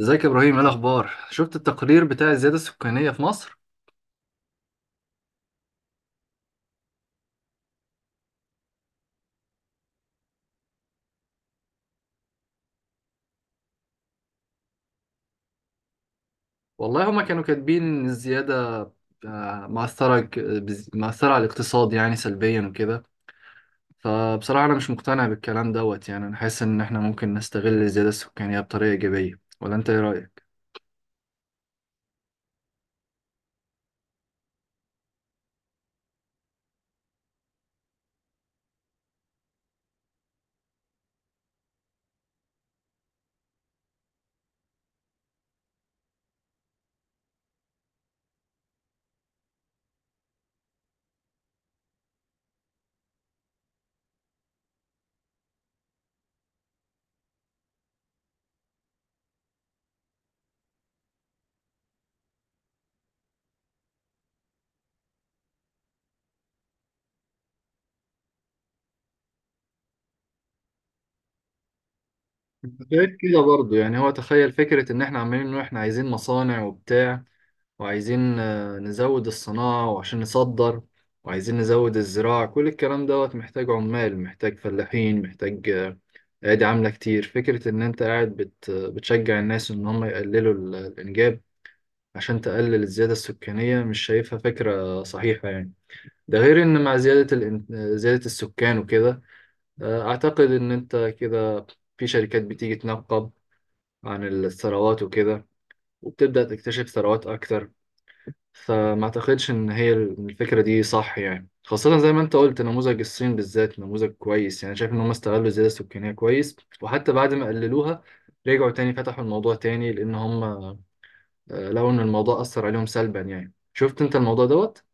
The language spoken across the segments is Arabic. ازيك يا ابراهيم؟ ايه الاخبار؟ شفت التقرير بتاع الزياده السكانيه في مصر؟ والله هما كانوا كاتبين ان الزياده مأثرة، مأثرة على الاقتصاد يعني سلبيا وكده. فبصراحة أنا مش مقتنع بالكلام دوت يعني، أنا حاسس إن إحنا ممكن نستغل الزيادة السكانية بطريقة إيجابية، ولا أنت إيه رأيك؟ أنت شايف كده برضه؟ يعني هو تخيل فكرة إن إحنا عمالين نقول إحنا عايزين مصانع وبتاع، وعايزين نزود الصناعة وعشان نصدر، وعايزين نزود الزراعة. كل الكلام دوت محتاج عمال، محتاج فلاحين، محتاج أيادي عاملة كتير. فكرة إن أنت قاعد بتشجع الناس إن هم يقللوا الإنجاب عشان تقلل الزيادة السكانية مش شايفها فكرة صحيحة يعني. ده غير إن مع زيادة زيادة السكان وكده، أعتقد إن أنت كده في شركات بتيجي تنقب عن الثروات وكده، وبتبدأ تكتشف ثروات أكتر. فما اعتقدش ان هي الفكره دي صح يعني. خاصه زي ما انت قلت نموذج الصين بالذات نموذج كويس يعني، شايف ان هم استغلوا الزياده السكانيه كويس. وحتى بعد ما قللوها رجعوا تاني فتحوا الموضوع تاني، لان هم لقوا ان الموضوع اثر عليهم سلبا يعني. شفت انت الموضوع دوت؟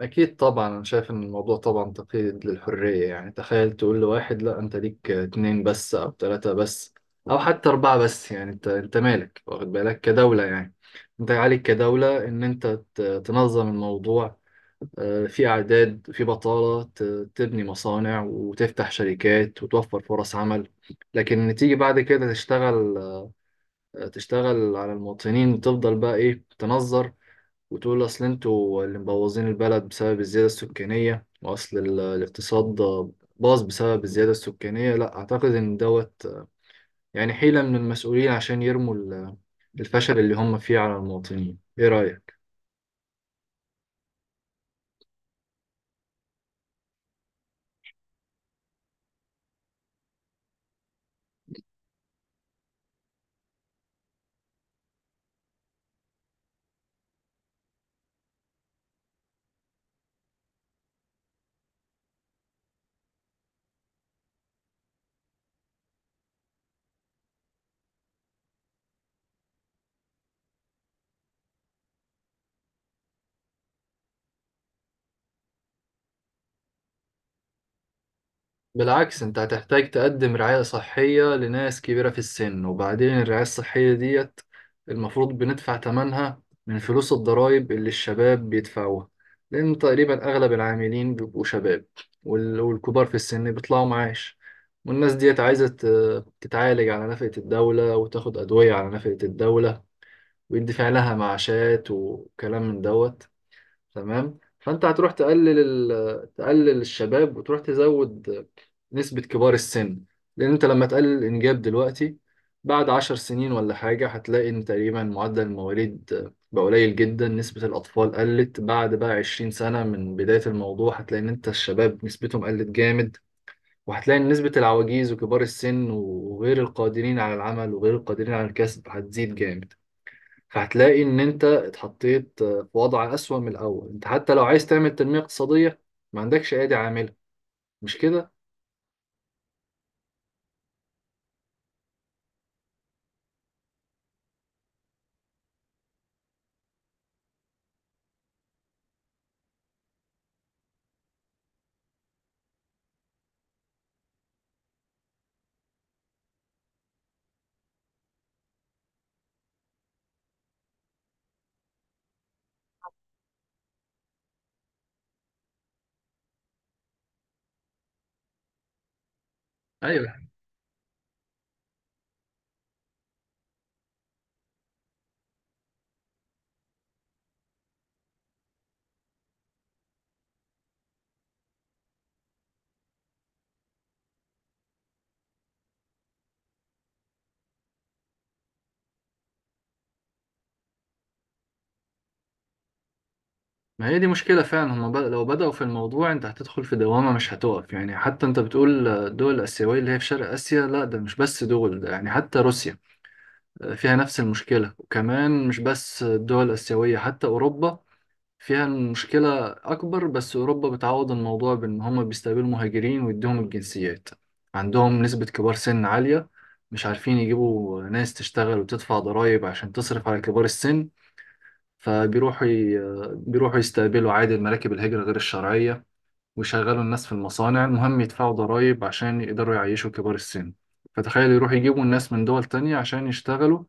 أكيد طبعا. أنا شايف إن الموضوع طبعا تقييد للحرية يعني. تخيل تقول لواحد لا أنت ليك اتنين بس أو تلاتة بس أو حتى أربعة بس. يعني أنت مالك؟ واخد بالك كدولة يعني. أنت عليك كدولة إن أنت ت- تنظم الموضوع. في أعداد، في بطالة، تبني مصانع وتفتح شركات وتوفر فرص عمل. لكن تيجي بعد كده تشتغل، تشتغل على المواطنين وتفضل بقى إيه تنظر. وتقول اصل انتوا اللي مبوظين البلد بسبب الزيادة السكانية، واصل الاقتصاد باظ بسبب الزيادة السكانية. لا، اعتقد ان دوت يعني حيلة من المسؤولين عشان يرموا الفشل اللي هم فيه على المواطنين. ايه رأيك؟ بالعكس، انت هتحتاج تقدم رعاية صحية لناس كبيرة في السن. وبعدين الرعاية الصحية ديت المفروض بندفع ثمنها من فلوس الضرائب اللي الشباب بيدفعوها، لأن تقريبا أغلب العاملين بيبقوا شباب، والكبار في السن بيطلعوا معاش. والناس ديت عايزة تتعالج على نفقة الدولة وتاخد أدوية على نفقة الدولة، ويدفع لها معاشات وكلام من دوت. تمام. فانت هتروح تقلل تقلل الشباب وتروح تزود نسبة كبار السن. لان انت لما تقلل الانجاب دلوقتي، بعد 10 سنين ولا حاجة هتلاقي ان تقريبا معدل المواليد بقى قليل جدا، نسبة الأطفال قلت. بعد بقى 20 سنة من بداية الموضوع هتلاقي إن أنت الشباب نسبتهم قلت جامد. وهتلاقي إن نسبة العواجيز وكبار السن وغير القادرين على العمل وغير القادرين على الكسب هتزيد جامد. هتلاقي ان انت اتحطيت في وضع اسوأ من الاول. انت حتى لو عايز تعمل تنمية اقتصادية ما عندكش ايدي عاملة. مش كده؟ ايوه. ما هي دي مشكله فعلا. هما لو بداوا في الموضوع انت هتدخل في دوامه مش هتقف يعني. حتى انت بتقول الدول الاسيويه اللي هي في شرق اسيا، لا ده مش بس دول، ده يعني حتى روسيا فيها نفس المشكله. وكمان مش بس الدول الاسيويه، حتى اوروبا فيها المشكلة أكبر. بس أوروبا بتعوض الموضوع بإن هما بيستقبلوا مهاجرين ويديهم الجنسيات. عندهم نسبة كبار سن عالية، مش عارفين يجيبوا ناس تشتغل وتدفع ضرائب عشان تصرف على كبار السن. فبيروحوا بيروحوا يستقبلوا عادي المراكب الهجرة غير الشرعية، ويشغلوا الناس في المصانع، المهم يدفعوا ضرائب عشان يقدروا يعيشوا كبار السن. فتخيل يروحوا يجيبوا الناس من دول تانية عشان يشتغلوا،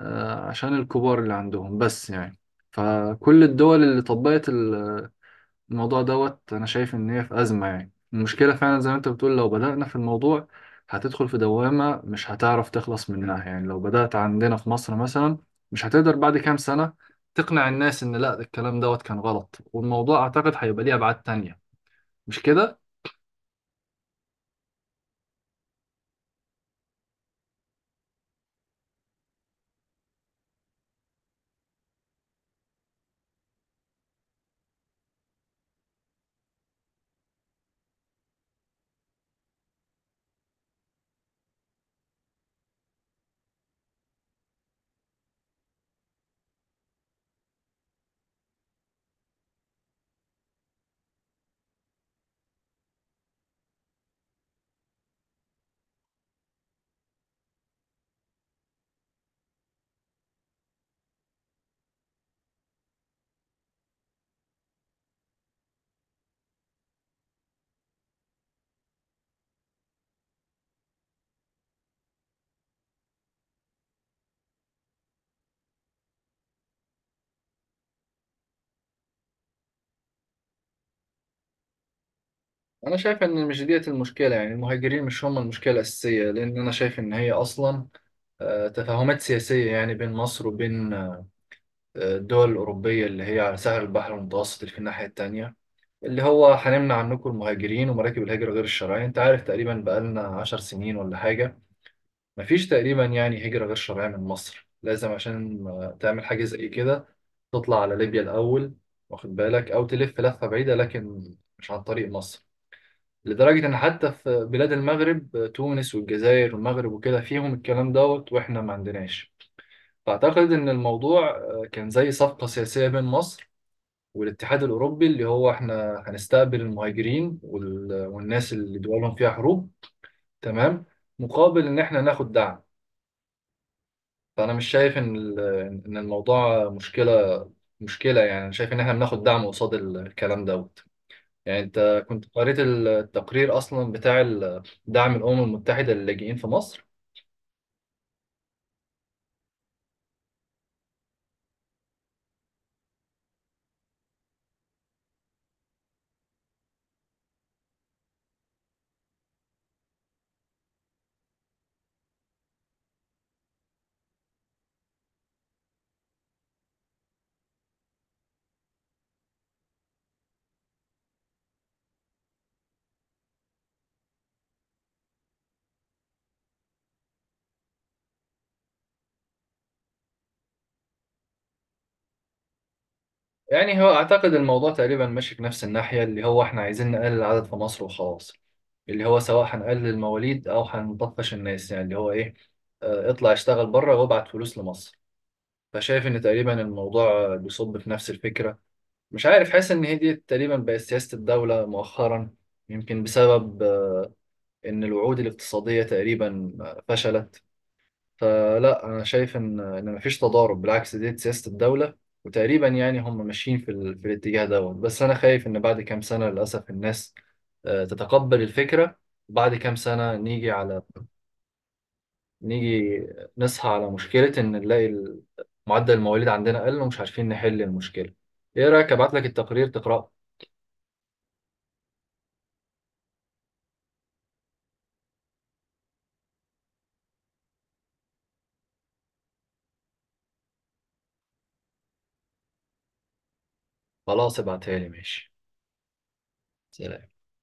عشان الكبار اللي عندهم بس يعني. فكل الدول اللي طبقت الموضوع دوت انا شايف ان هي في ازمه يعني. المشكله فعلا زي ما انت بتقول، لو بدانا في الموضوع هتدخل في دوامه مش هتعرف تخلص منها يعني. لو بدات عندنا في مصر مثلا مش هتقدر بعد كام سنه تقنع الناس ان لا الكلام دوت كان غلط. والموضوع اعتقد هيبقى ليه ابعاد تانية. مش كده؟ انا شايف ان مش ديت المشكله يعني، المهاجرين مش هم المشكله الاساسيه. لان انا شايف ان هي اصلا تفاهمات سياسيه يعني بين مصر وبين الدول الاوروبيه اللي هي على ساحل البحر المتوسط اللي في الناحيه التانيه. اللي هو هنمنع عنكم المهاجرين ومراكب الهجرة غير الشرعية. انت عارف تقريبا بقالنا 10 سنين ولا حاجة مفيش تقريبا يعني هجرة غير شرعية من مصر. لازم عشان تعمل حاجة زي كده تطلع على ليبيا الأول، واخد بالك؟ أو تلف لفة بعيدة لكن مش عن طريق مصر. لدرجة إن حتى في بلاد المغرب، تونس والجزائر والمغرب وكده، فيهم الكلام دوت وإحنا ما عندناش. فأعتقد إن الموضوع كان زي صفقة سياسية بين مصر والاتحاد الأوروبي، اللي هو احنا هنستقبل المهاجرين والناس اللي دولهم فيها حروب. تمام. مقابل إن احنا ناخد دعم. فأنا مش شايف إن إن الموضوع مشكلة. مشكلة يعني، أنا شايف إن احنا بناخد دعم قصاد الكلام دوت. يعني أنت كنت قريت التقرير أصلا بتاع دعم الأمم المتحدة للاجئين في مصر؟ يعني هو أعتقد الموضوع تقريبا ماشي في نفس الناحية، اللي هو إحنا عايزين نقلل العدد في مصر وخلاص. اللي هو سواء هنقلل المواليد أو هنطفش الناس. يعني اللي هو إيه، اطلع اشتغل بره وابعت فلوس لمصر. فشايف إن تقريبا الموضوع بيصب في نفس الفكرة. مش عارف، حاسس إن هي دي تقريبا بقت سياسة الدولة مؤخرا. يمكن بسبب إن الوعود الاقتصادية تقريبا فشلت. فلا، انا شايف ان مفيش تضارب، بالعكس دي سياسه الدوله. وتقريبا يعني هم ماشيين في الاتجاه دوت. بس انا خايف ان بعد كام سنه للاسف الناس تتقبل الفكره. بعد كام سنه نيجي نصحى على مشكله ان نلاقي معدل المواليد عندنا قل ومش عارفين نحل المشكله. ايه رايك ابعت لك التقرير تقراه؟ خلاص، ابعتها لي. ماشي. سلام.